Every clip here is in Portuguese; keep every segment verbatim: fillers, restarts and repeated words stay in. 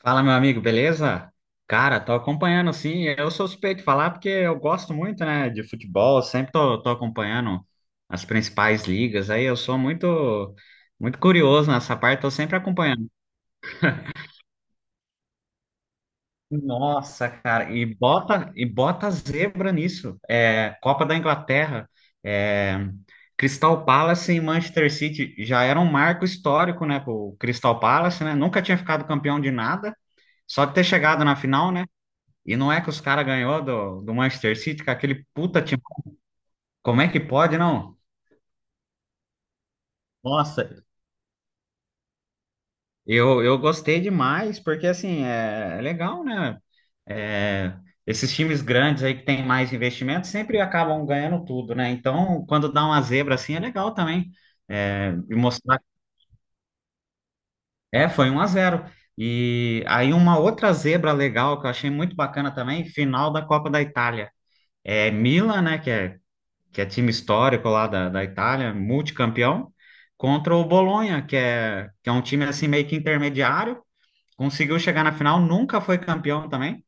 Fala, meu amigo, beleza? Cara, tô acompanhando sim. Eu sou suspeito de falar porque eu gosto muito, né, de futebol, sempre tô, tô acompanhando as principais ligas. Aí eu sou muito muito curioso nessa parte, tô sempre acompanhando. Nossa, cara, e bota e bota zebra nisso. É, Copa da Inglaterra, é, Crystal Palace e Manchester City já era um marco histórico, né, pro Crystal Palace, né? Nunca tinha ficado campeão de nada, só de ter chegado na final, né? E não é que os caras ganhou do, do Manchester City, com aquele puta time. Como é que pode, não? Nossa. Eu, eu gostei demais, porque assim, é, é legal, né? É, esses times grandes aí que tem mais investimento sempre acabam ganhando tudo, né? Então, quando dá uma zebra assim, é legal também. É, e mostrar. É, foi um a zero. E aí uma outra zebra legal que eu achei muito bacana também, final da Copa da Itália. É Milan, né? Que é que é time histórico lá da, da Itália, multicampeão, contra o Bolonha, que é, que é um time assim meio que intermediário, conseguiu chegar na final, nunca foi campeão também.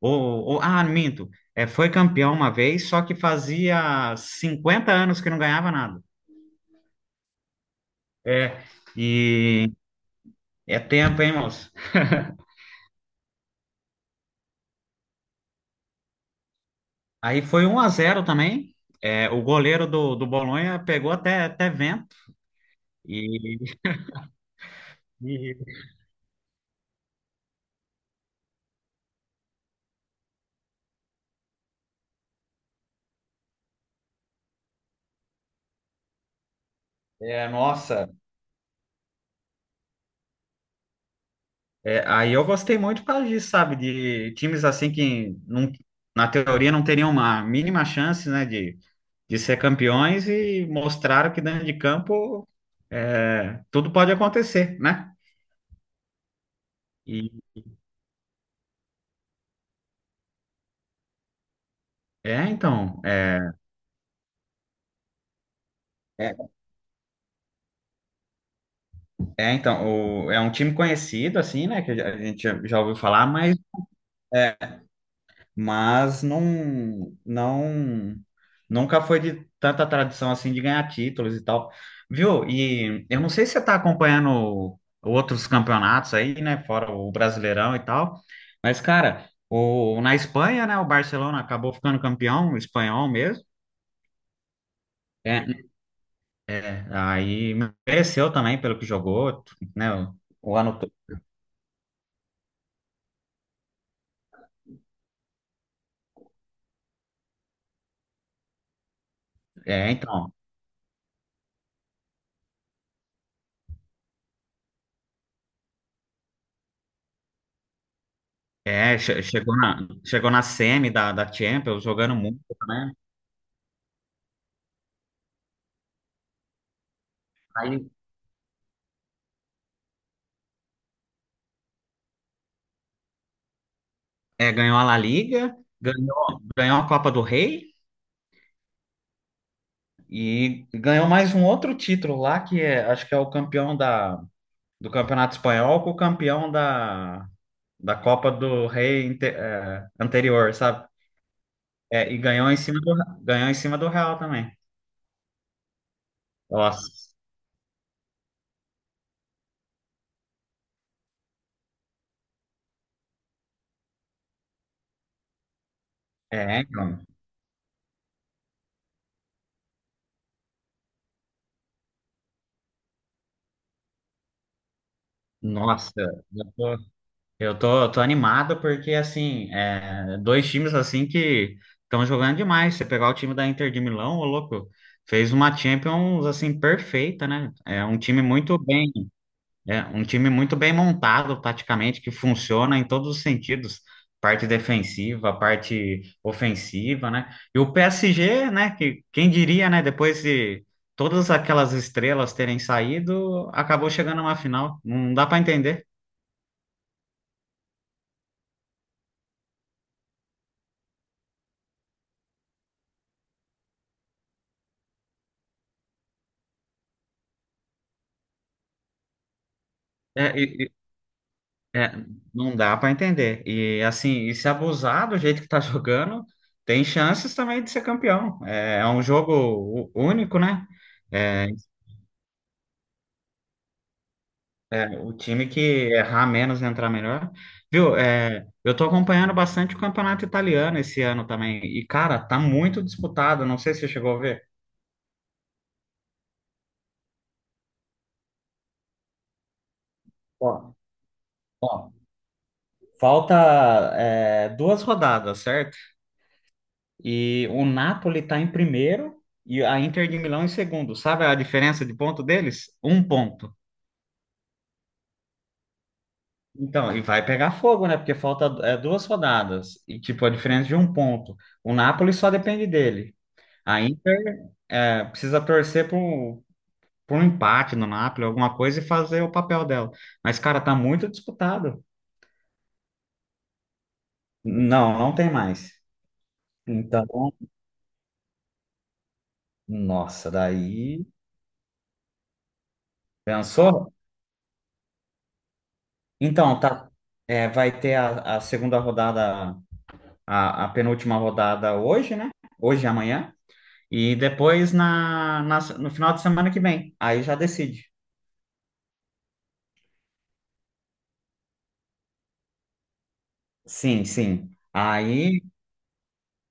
Ou, ou- ah, minto, é, foi campeão uma vez, só que fazia cinquenta anos que não ganhava nada. É, e é tempo, hein, moço? Aí foi um a zero também. É, o goleiro do, do Bolonha pegou até, até vento. E, e- é, Nossa. É, aí eu gostei muito por causa disso, sabe? De times assim que, não, na teoria, não teriam uma mínima chance, né, de, de ser campeões e mostraram que dentro de campo é, tudo pode acontecer, né? E é, então, é, é é, então, o- é um time conhecido, assim, né, que a gente já já ouviu falar, mas. é, mas não, não, nunca foi de tanta tradição assim de ganhar títulos e tal, viu? E eu não sei se você está acompanhando outros campeonatos aí, né, fora o Brasileirão e tal, mas cara, o, na Espanha, né, o Barcelona acabou ficando campeão espanhol mesmo. É, é, aí mereceu também pelo que jogou, né? O, o ano, to- é, então, é, che- Chegou na, chegou na semi da, da Champions, jogando muito, né? É, ganhou a La Liga, ganhou, ganhou a Copa do Rei e ganhou mais um outro título lá, que é, acho que é o campeão da, do Campeonato Espanhol com o campeão da, da Copa do Rei inte- é, anterior, sabe? É, e ganhou em cima do, ganhou em cima do Real também. Nossa. É, então, nossa. Eu tô, tô animado porque, assim, é, dois times, assim, que estão jogando demais. Você pegar o time da Inter de Milão, ô louco, fez uma Champions, assim, perfeita, né? É um time muito bem, é um time muito bem montado, taticamente, que funciona em todos os sentidos. Parte defensiva, parte ofensiva, né? E o P S G, né, que quem diria, né, depois de todas aquelas estrelas terem saído, acabou chegando a uma final. Não dá para entender. É, e, é, não dá para entender. E assim, e se abusar do jeito que tá jogando, tem chances também de ser campeão. É, é um jogo ú- único, né? É, é, o time que errar menos entrar melhor. Viu? É, eu tô acompanhando bastante o campeonato italiano esse ano também. E, cara, tá muito disputado. Não sei se você chegou a ver. Ó, ó, Falta, é, duas rodadas, certo? E o Napoli está em primeiro e a Inter de Milão em segundo. Sabe a diferença de ponto deles? Um ponto. Então, e vai pegar fogo, né? Porque falta é, duas rodadas. E, tipo, a diferença de um ponto. O Napoli só depende dele. A Inter é, precisa torcer por, um- por um empate no Napoli, alguma coisa, e fazer o papel dela. Mas, cara, tá muito disputado. Não, não tem mais. Então, nossa, daí. Pensou? Então, tá. É, vai ter a, a segunda rodada, a, a penúltima rodada hoje, né? Hoje e amanhã. E depois na, na- no final de semana que vem. Aí já decide. Sim, sim. Aí,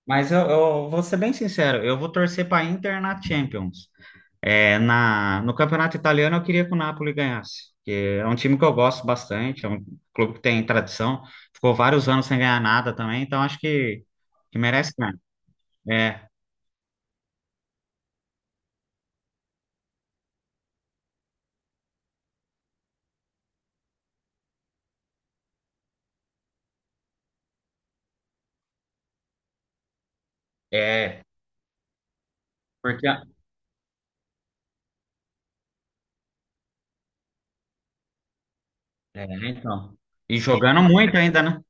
mas eu, eu vou ser bem sincero, eu vou torcer para Inter na Champions. É, na, no campeonato italiano eu queria que o Napoli ganhasse, porque é um time que eu gosto bastante, é um clube que tem tradição, ficou vários anos sem ganhar nada também, então acho que, que merece ganhar. É, é, porque é, então. E jogando muito ainda, né?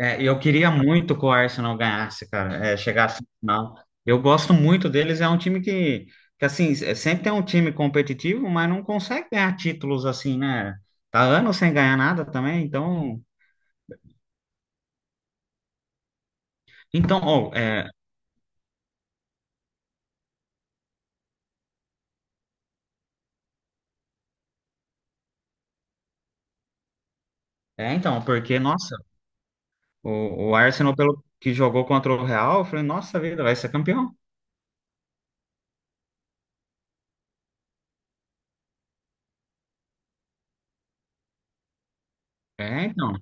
É, eu queria muito que o Arsenal ganhasse, cara, é, chegasse no final. Eu gosto muito deles, é um time que, que assim, é- sempre é um time competitivo, mas não consegue ganhar títulos assim, né? Tá anos sem ganhar nada também, então. Então, oh, é, é, então, porque, nossa, o, o Arsenal, pelo que jogou contra o Real, eu falei, nossa vida, vai ser campeão. É, então,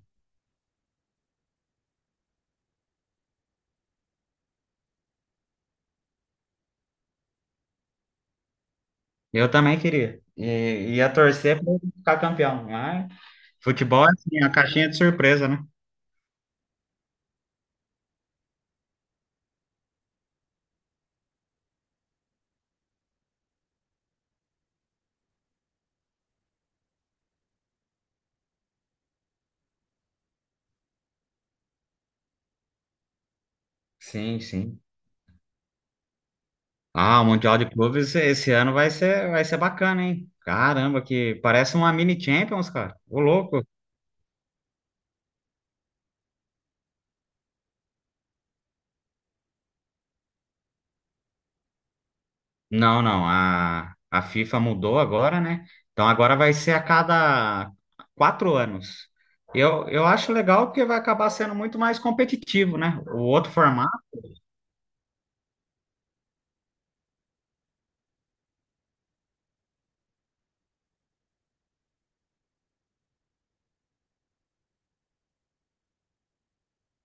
eu também queria. E ia torcer para ficar campeão, mas futebol é assim, a caixinha de surpresa, né? Sim, sim. Ah, o Mundial de Clubes esse ano vai ser, vai ser bacana, hein? Caramba, que parece uma mini Champions, cara. Ô, louco. Não, não, a, a FIFA mudou agora, né? Então agora vai ser a cada quatro anos. Eu, eu acho legal porque vai acabar sendo muito mais competitivo, né? O outro formato.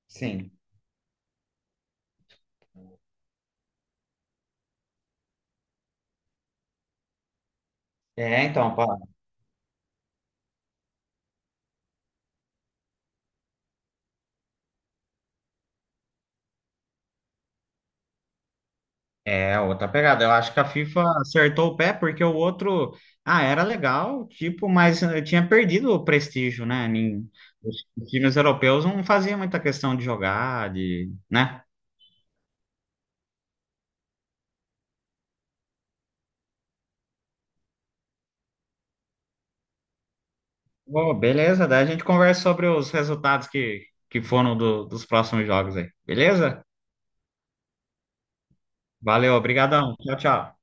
Sim. É, então, é outra pegada. Eu acho que a FIFA acertou o pé porque o outro, ah, era legal, tipo, mas eh, tinha perdido o prestígio, né? Nin- Os os times europeus não faziam muita questão de jogar, de, né? Ô, beleza, daí a gente conversa sobre os resultados que, que foram do- dos próximos jogos aí. Beleza? Valeu, obrigadão. Tchau, tchau.